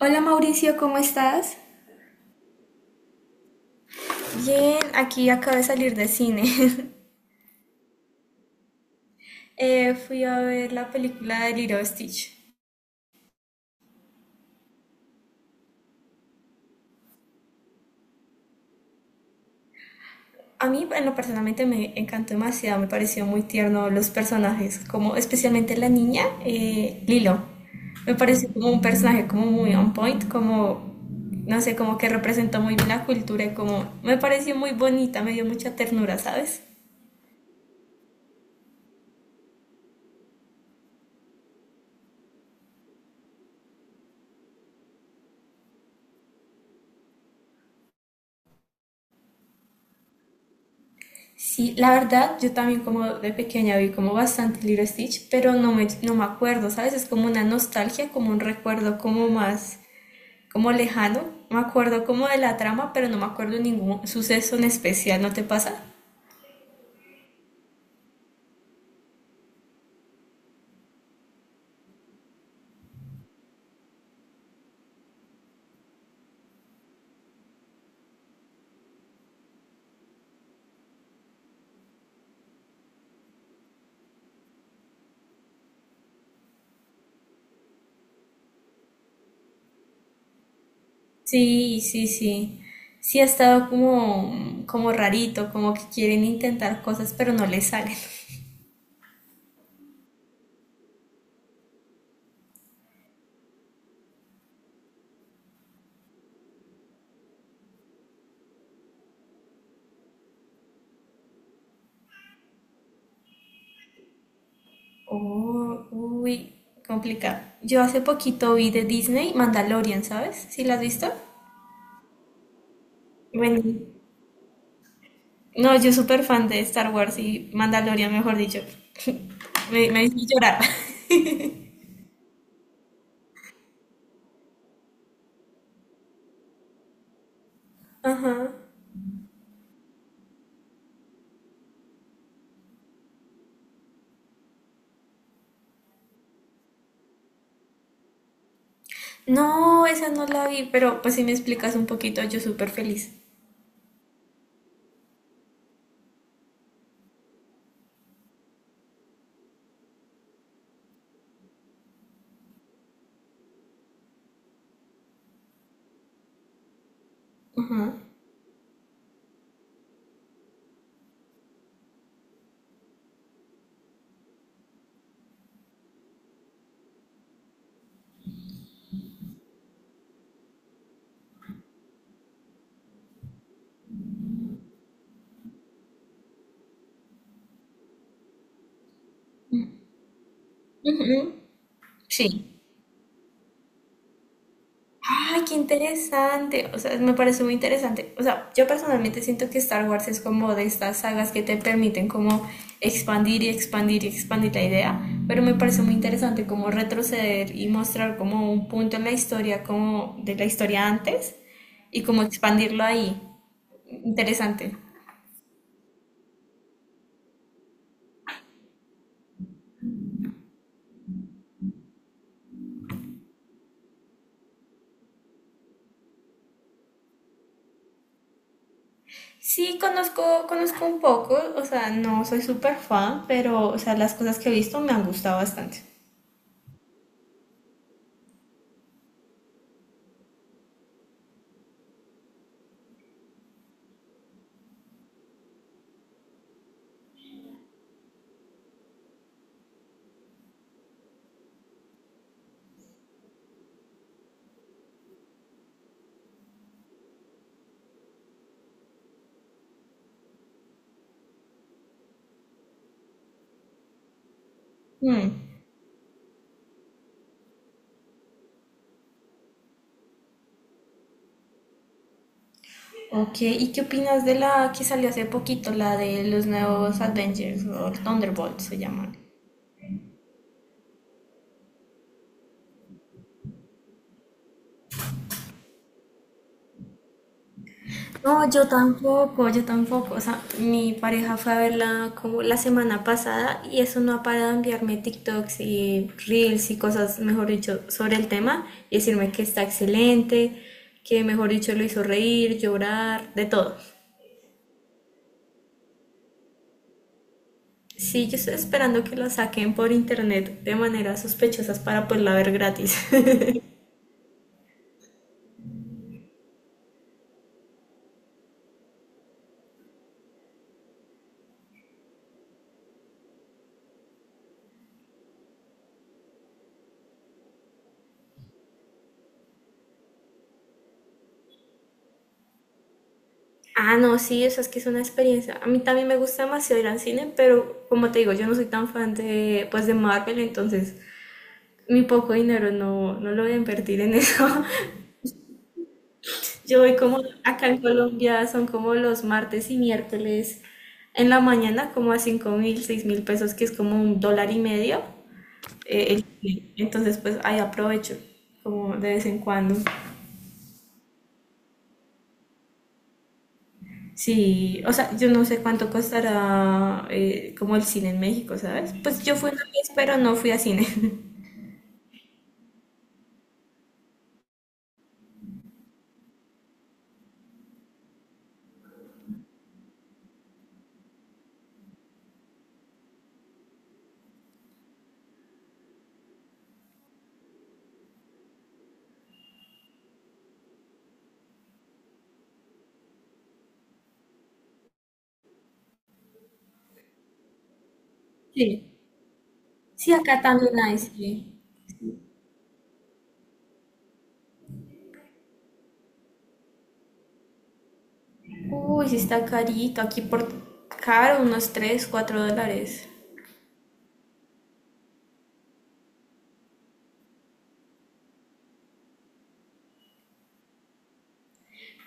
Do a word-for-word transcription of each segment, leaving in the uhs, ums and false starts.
Hola Mauricio, ¿cómo estás? Bien, aquí acabo de salir de cine. Eh, fui a ver la película de Lilo y Stitch. A mí, en lo personalmente, me encantó demasiado, me pareció muy tierno los personajes, como especialmente la niña, eh, Lilo. Me pareció como un personaje como muy on point, como, no sé, como que representó muy bien la cultura y como me pareció muy bonita, me dio mucha ternura, ¿sabes? Sí, la verdad, yo también como de pequeña vi como bastante Lilo y Stitch, pero no me, no me acuerdo, ¿sabes? Es como una nostalgia, como un recuerdo como más, como lejano. Me acuerdo como de la trama, pero no me acuerdo ningún suceso en especial, ¿no te pasa? Sí, sí, sí. Sí ha estado como, como rarito, como que quieren intentar cosas, pero no les salen. Oh, uy, complicado. Yo hace poquito vi de Disney Mandalorian, ¿sabes? ¿Sí la has visto? Bueno, no, yo súper fan de Star Wars y Mandalorian, mejor dicho. Me, me hizo llorar. No, esa no la vi, pero pues si me explicas un poquito, yo súper feliz. Ajá. Ujú. Sí. Ay, qué interesante. O sea, me parece muy interesante. O sea, yo personalmente siento que Star Wars es como de estas sagas que te permiten como expandir y expandir y expandir la idea, pero me parece muy interesante como retroceder y mostrar como un punto en la historia, como de la historia antes y como expandirlo ahí. Interesante. Sí, conozco, conozco un poco, o sea, no soy súper fan, pero, o sea, las cosas que he visto me han gustado bastante. Mm. Ok, ¿y qué opinas de la que salió hace poquito, la de los nuevos Avengers, o Thunderbolts se llaman? No, yo tampoco, yo tampoco. O sea, mi pareja fue a verla como la semana pasada y eso no ha parado de enviarme TikToks y Reels y cosas, mejor dicho, sobre el tema y decirme que está excelente, que mejor dicho lo hizo reír, llorar, de todo. Sí, yo estoy esperando que lo saquen por internet de maneras sospechosas para poderla ver gratis. Ah, no, sí, eso es que es una experiencia. A mí también me gusta demasiado ir al cine, pero como te digo, yo no soy tan fan de, pues, de Marvel, entonces mi poco dinero no, no lo voy a invertir en eso. Yo voy como, acá en Colombia son como los martes y miércoles en la mañana, como a cinco mil, seis mil pesos, que es como un dólar y medio. Eh, el cine. Entonces, pues ahí aprovecho, como de vez en cuando. Sí, o sea, yo no sé cuánto costará eh, como el cine en México, ¿sabes? Pues yo fui una vez, pero no fui a cine. Sí, sí, acá también hay, sí. Uy, sí está carito, aquí por caro, unos tres, cuatro dólares.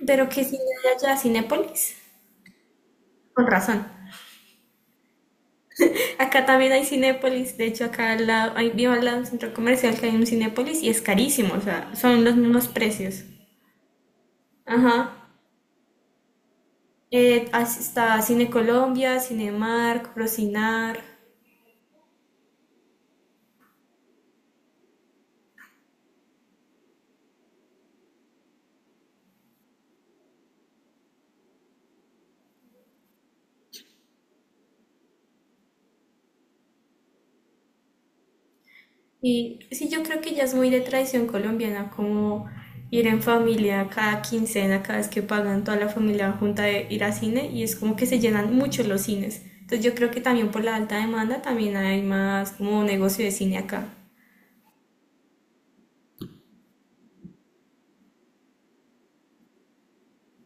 Pero ¿qué cine hay allá? ¿Cinépolis? Con razón. Acá también hay Cinépolis, de hecho acá al lado, ahí vivo al lado de un centro comercial que hay un Cinépolis y es carísimo, o sea, son los mismos precios. Ajá. Eh, as- está Cine Colombia, Cinemark, Procinar. Y sí, yo creo que ya es muy de tradición colombiana, como ir en familia cada quincena, cada vez que pagan toda la familia junta de ir a cine, y es como que se llenan mucho los cines. Entonces yo creo que también por la alta demanda también hay más como negocio de cine acá.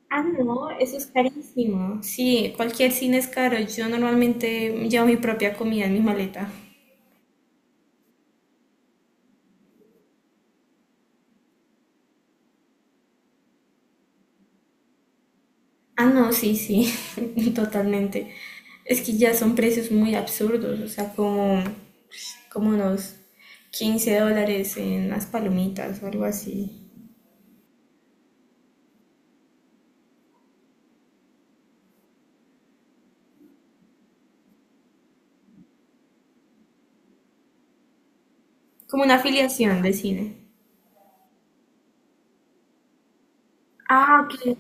Ah, no, eso es carísimo. Sí, cualquier cine es caro. Yo normalmente llevo mi propia comida en mi maleta. Ah, no, sí, sí, totalmente. Es que ya son precios muy absurdos, o sea, como, como unos quince dólares en las palomitas o algo así. Como una afiliación de cine. Ah, ok.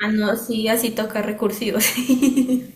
Ah, no, sí, así toca recursivos.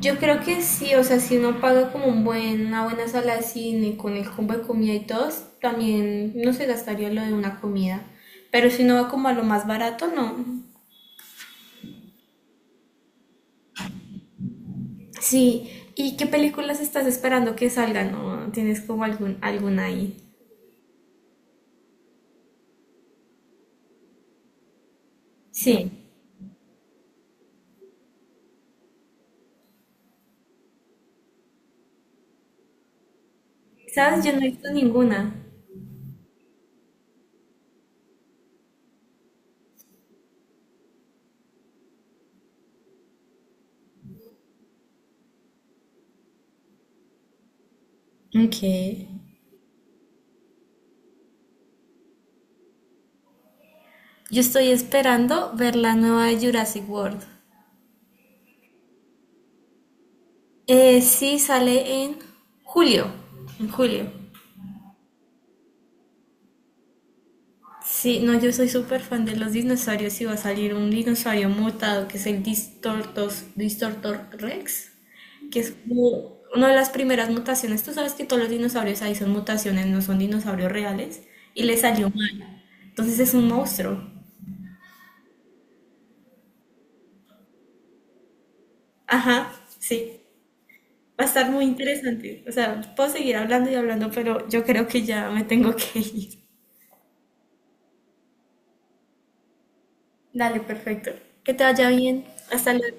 Yo creo que sí, o sea, si uno paga como un buen, una buena sala de cine con el combo de comida y todo, también no se gastaría lo de una comida. Pero si uno va como a lo más barato, no. Sí, ¿y qué películas estás esperando que salgan o tienes como algún, alguna ahí? Sí, sabes, yo no he visto ninguna. Ok. Yo estoy esperando ver la nueva de Jurassic World. Eh, sí, sale en julio. En julio. Sí, no, yo soy súper fan de los dinosaurios y va a salir un dinosaurio mutado que es el Distortos, Distortor Rex, que es como una de las primeras mutaciones. Tú sabes que todos los dinosaurios ahí son mutaciones, no son dinosaurios reales, y le salió mal. Entonces es un monstruo. Ajá, sí. Va a estar muy interesante. O sea, puedo seguir hablando y hablando, pero yo creo que ya me tengo que ir. Dale, perfecto. Que te vaya bien. Hasta luego.